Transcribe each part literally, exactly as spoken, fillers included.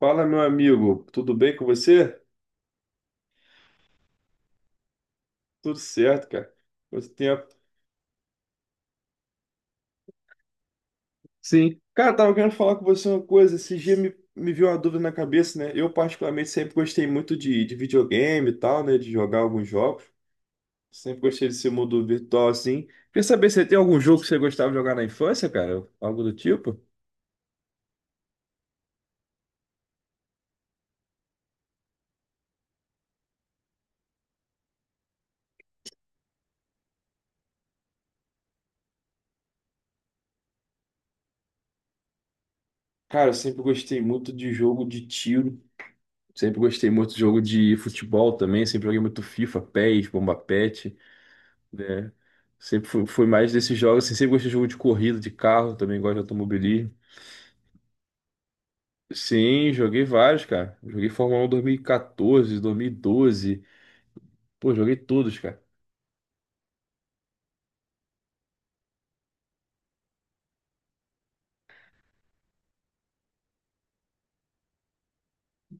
Fala, meu amigo, tudo bem com você? Tudo certo, cara. Quanto tempo. Sim, cara, tava querendo falar com você uma coisa. Esse dia me, me veio uma dúvida na cabeça, né? Eu, particularmente, sempre gostei muito de, de videogame e tal, né? De jogar alguns jogos. Sempre gostei desse mundo virtual, assim. Quer saber se tem algum jogo que você gostava de jogar na infância, cara? Algo do tipo? Cara, eu sempre gostei muito de jogo de tiro. Sempre gostei muito de jogo de futebol também. Sempre joguei muito FIFA, P E S, Bomba patch, né? Sempre fui, fui mais desses jogos, assim, sempre gostei de jogo de corrida, de carro, também gosto de automobilismo. Sim, joguei vários, cara. Joguei Fórmula um 1 dois mil e catorze, doze. Pô, joguei todos, cara.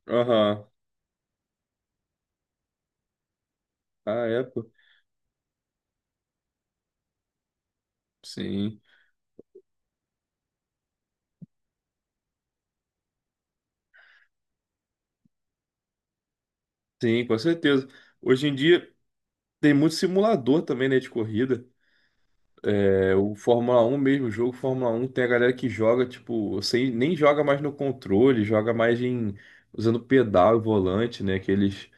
Aham. Ah, é, pô. Sim. Sim, com certeza. Hoje em dia tem muito simulador também, né, de corrida. É, o Fórmula um mesmo, o jogo Fórmula um tem a galera que joga, tipo, sem, nem joga mais no controle, joga mais em usando pedal e volante, né? Aqueles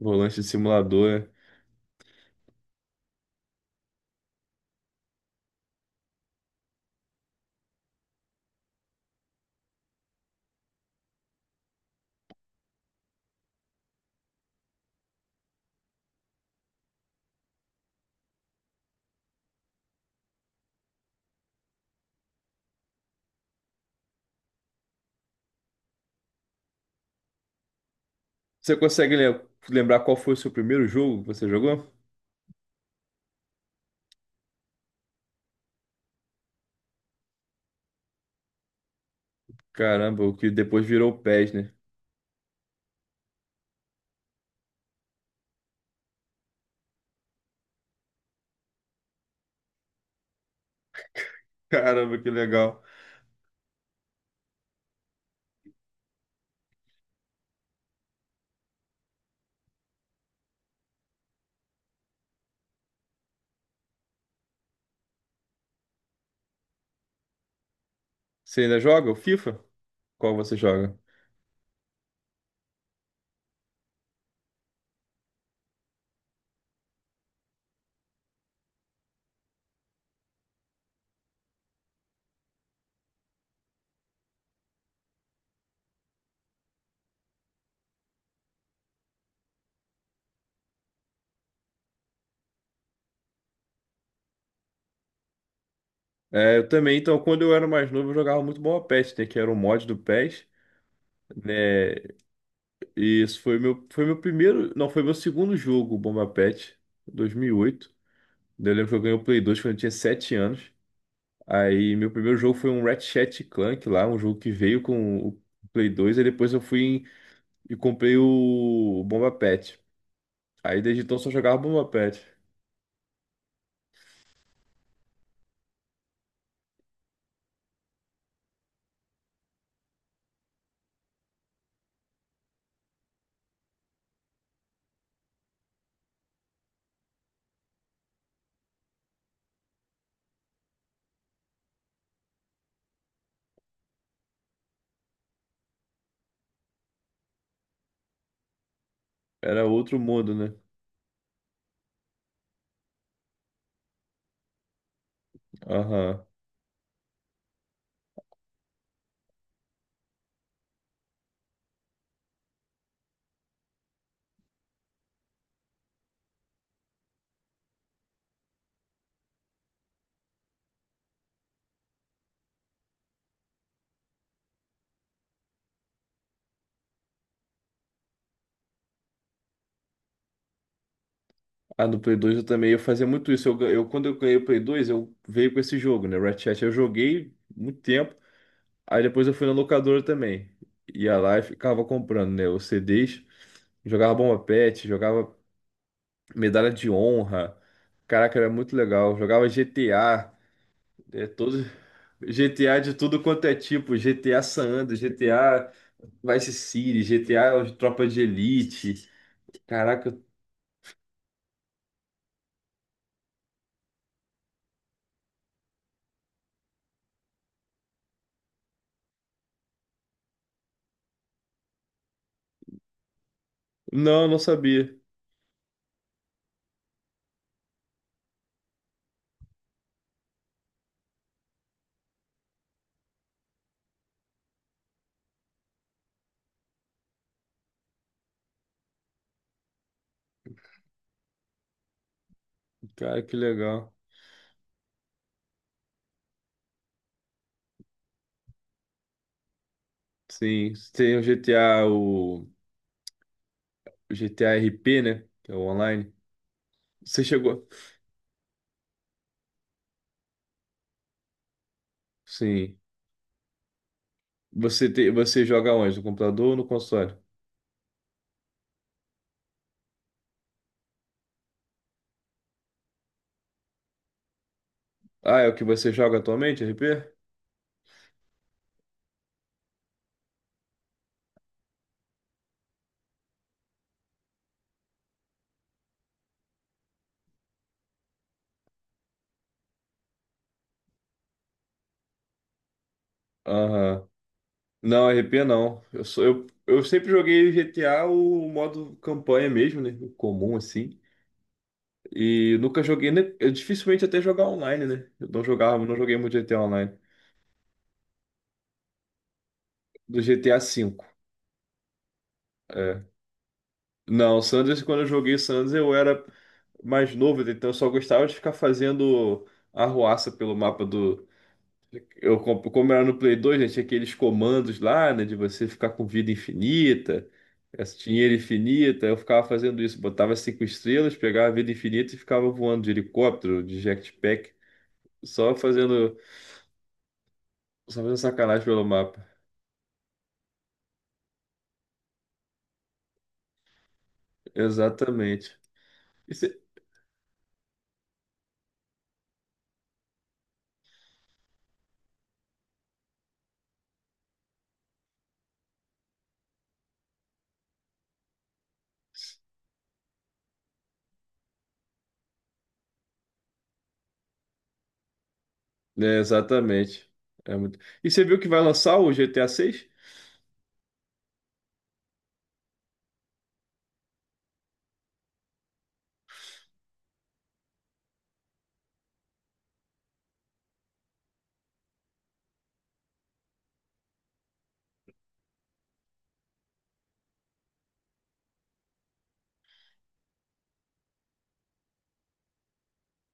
volantes de simulador. Você consegue lem- lembrar qual foi o seu primeiro jogo que você jogou? Caramba, o que depois virou o P E S, né? Caramba, que legal. Você ainda joga o FIFA? Qual você joga? É, eu também, então, quando eu era mais novo, eu jogava muito Bomba P E S, né? Que era um mod do P E S, né? E isso foi meu, foi meu primeiro, não, foi meu segundo jogo, o Bomba P E S, dois mil e oito. Daí eu lembro que eu ganhei o Play dois quando eu tinha sete anos. Aí, meu primeiro jogo foi um Ratchet Clank lá, um jogo que veio com o Play dois, e depois eu fui e comprei o Bomba Pet. Aí desde então só jogava Bomba Pet. Era outro mundo, né? Aham. Ah, no Play dois eu também, eu fazia muito isso. Eu, gan- eu, quando eu ganhei o Play dois, eu veio com esse jogo, né? Ratchet. Eu joguei muito tempo. Aí depois eu fui na locadora também. Ia lá e ficava comprando, né? Os C Ds. Jogava Bomba Pet, jogava Medalha de Honra. Caraca, era muito legal. Jogava G T A. É, todos... G T A de tudo quanto é tipo. G T A San Andreas, G T A Vice City, G T A, Tropa de Elite. Caraca, não, não sabia. Cara, que legal. Sim, tem o G T A, o G T A R P, né? Que é o online. Você chegou? Sim. Você te... você joga onde? No computador ou no console? Ah, é o que você joga atualmente, R P? Aham. Não, R P não. Eu sou eu, eu sempre joguei G T A o modo campanha mesmo, né? O comum assim. E nunca joguei, né? Eu dificilmente até jogar online, né? Eu não jogava, não joguei muito G T A online. Do G T A V. É. Não, San Andreas, quando eu joguei San eu era mais novo, então eu só gostava de ficar fazendo arruaça pelo mapa do. Eu, com- como era no Play dois, né, tinha aqueles comandos lá, né, de você ficar com vida infinita, esse dinheiro infinita. Eu ficava fazendo isso, botava cinco estrelas, pegava vida infinita e ficava voando de helicóptero, de jetpack, só fazendo, só fazendo sacanagem pelo mapa. Exatamente. E É, exatamente. É muito... E você viu que vai lançar o G T A seis?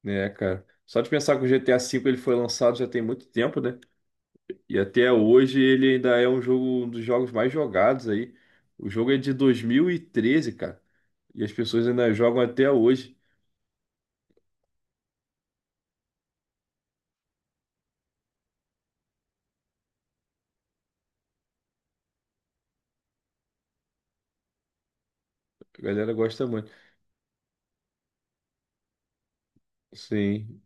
Né, cara. Só de pensar que o G T A cinco ele foi lançado já tem muito tempo, né? E até hoje ele ainda é um jogo, um dos jogos mais jogados aí. O jogo é de dois mil e treze, cara. E as pessoas ainda jogam até hoje. A galera gosta muito. Sim.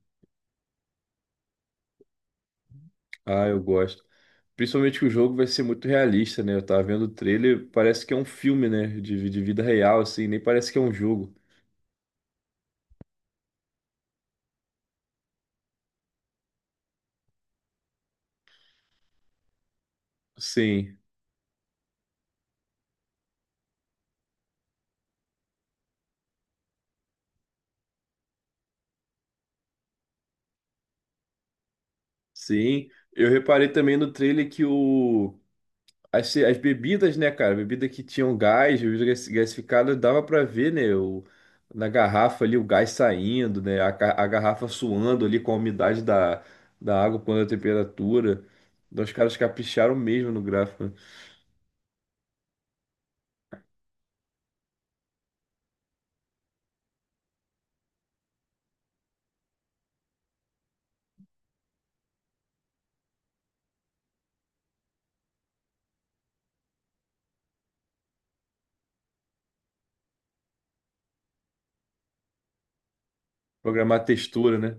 Ah, eu gosto. Principalmente que o jogo vai ser muito realista, né? Eu tava vendo o trailer, parece que é um filme, né? De, de vida real, assim, nem parece que é um jogo. Sim. Sim, eu reparei também no trailer que o as, as bebidas, né, cara, bebida que tinham gás, bebida gas- gasificada, dava pra ver, né, o, na garrafa ali o gás saindo, né, a, ca- a garrafa suando ali com a umidade da, da água quando é a temperatura. Então os caras capricharam mesmo no gráfico, né? Programar a textura, né?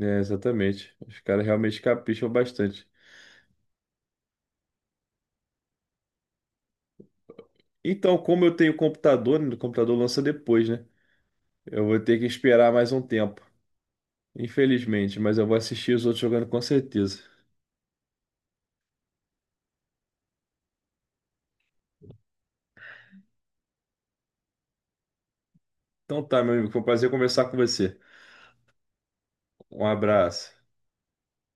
É, exatamente. Os caras realmente capricham bastante. Então, como eu tenho computador, né, o computador lança depois, né? Eu vou ter que esperar mais um tempo. Infelizmente, mas eu vou assistir os outros jogando com certeza. Então tá, meu amigo, foi um prazer conversar com você. Um abraço.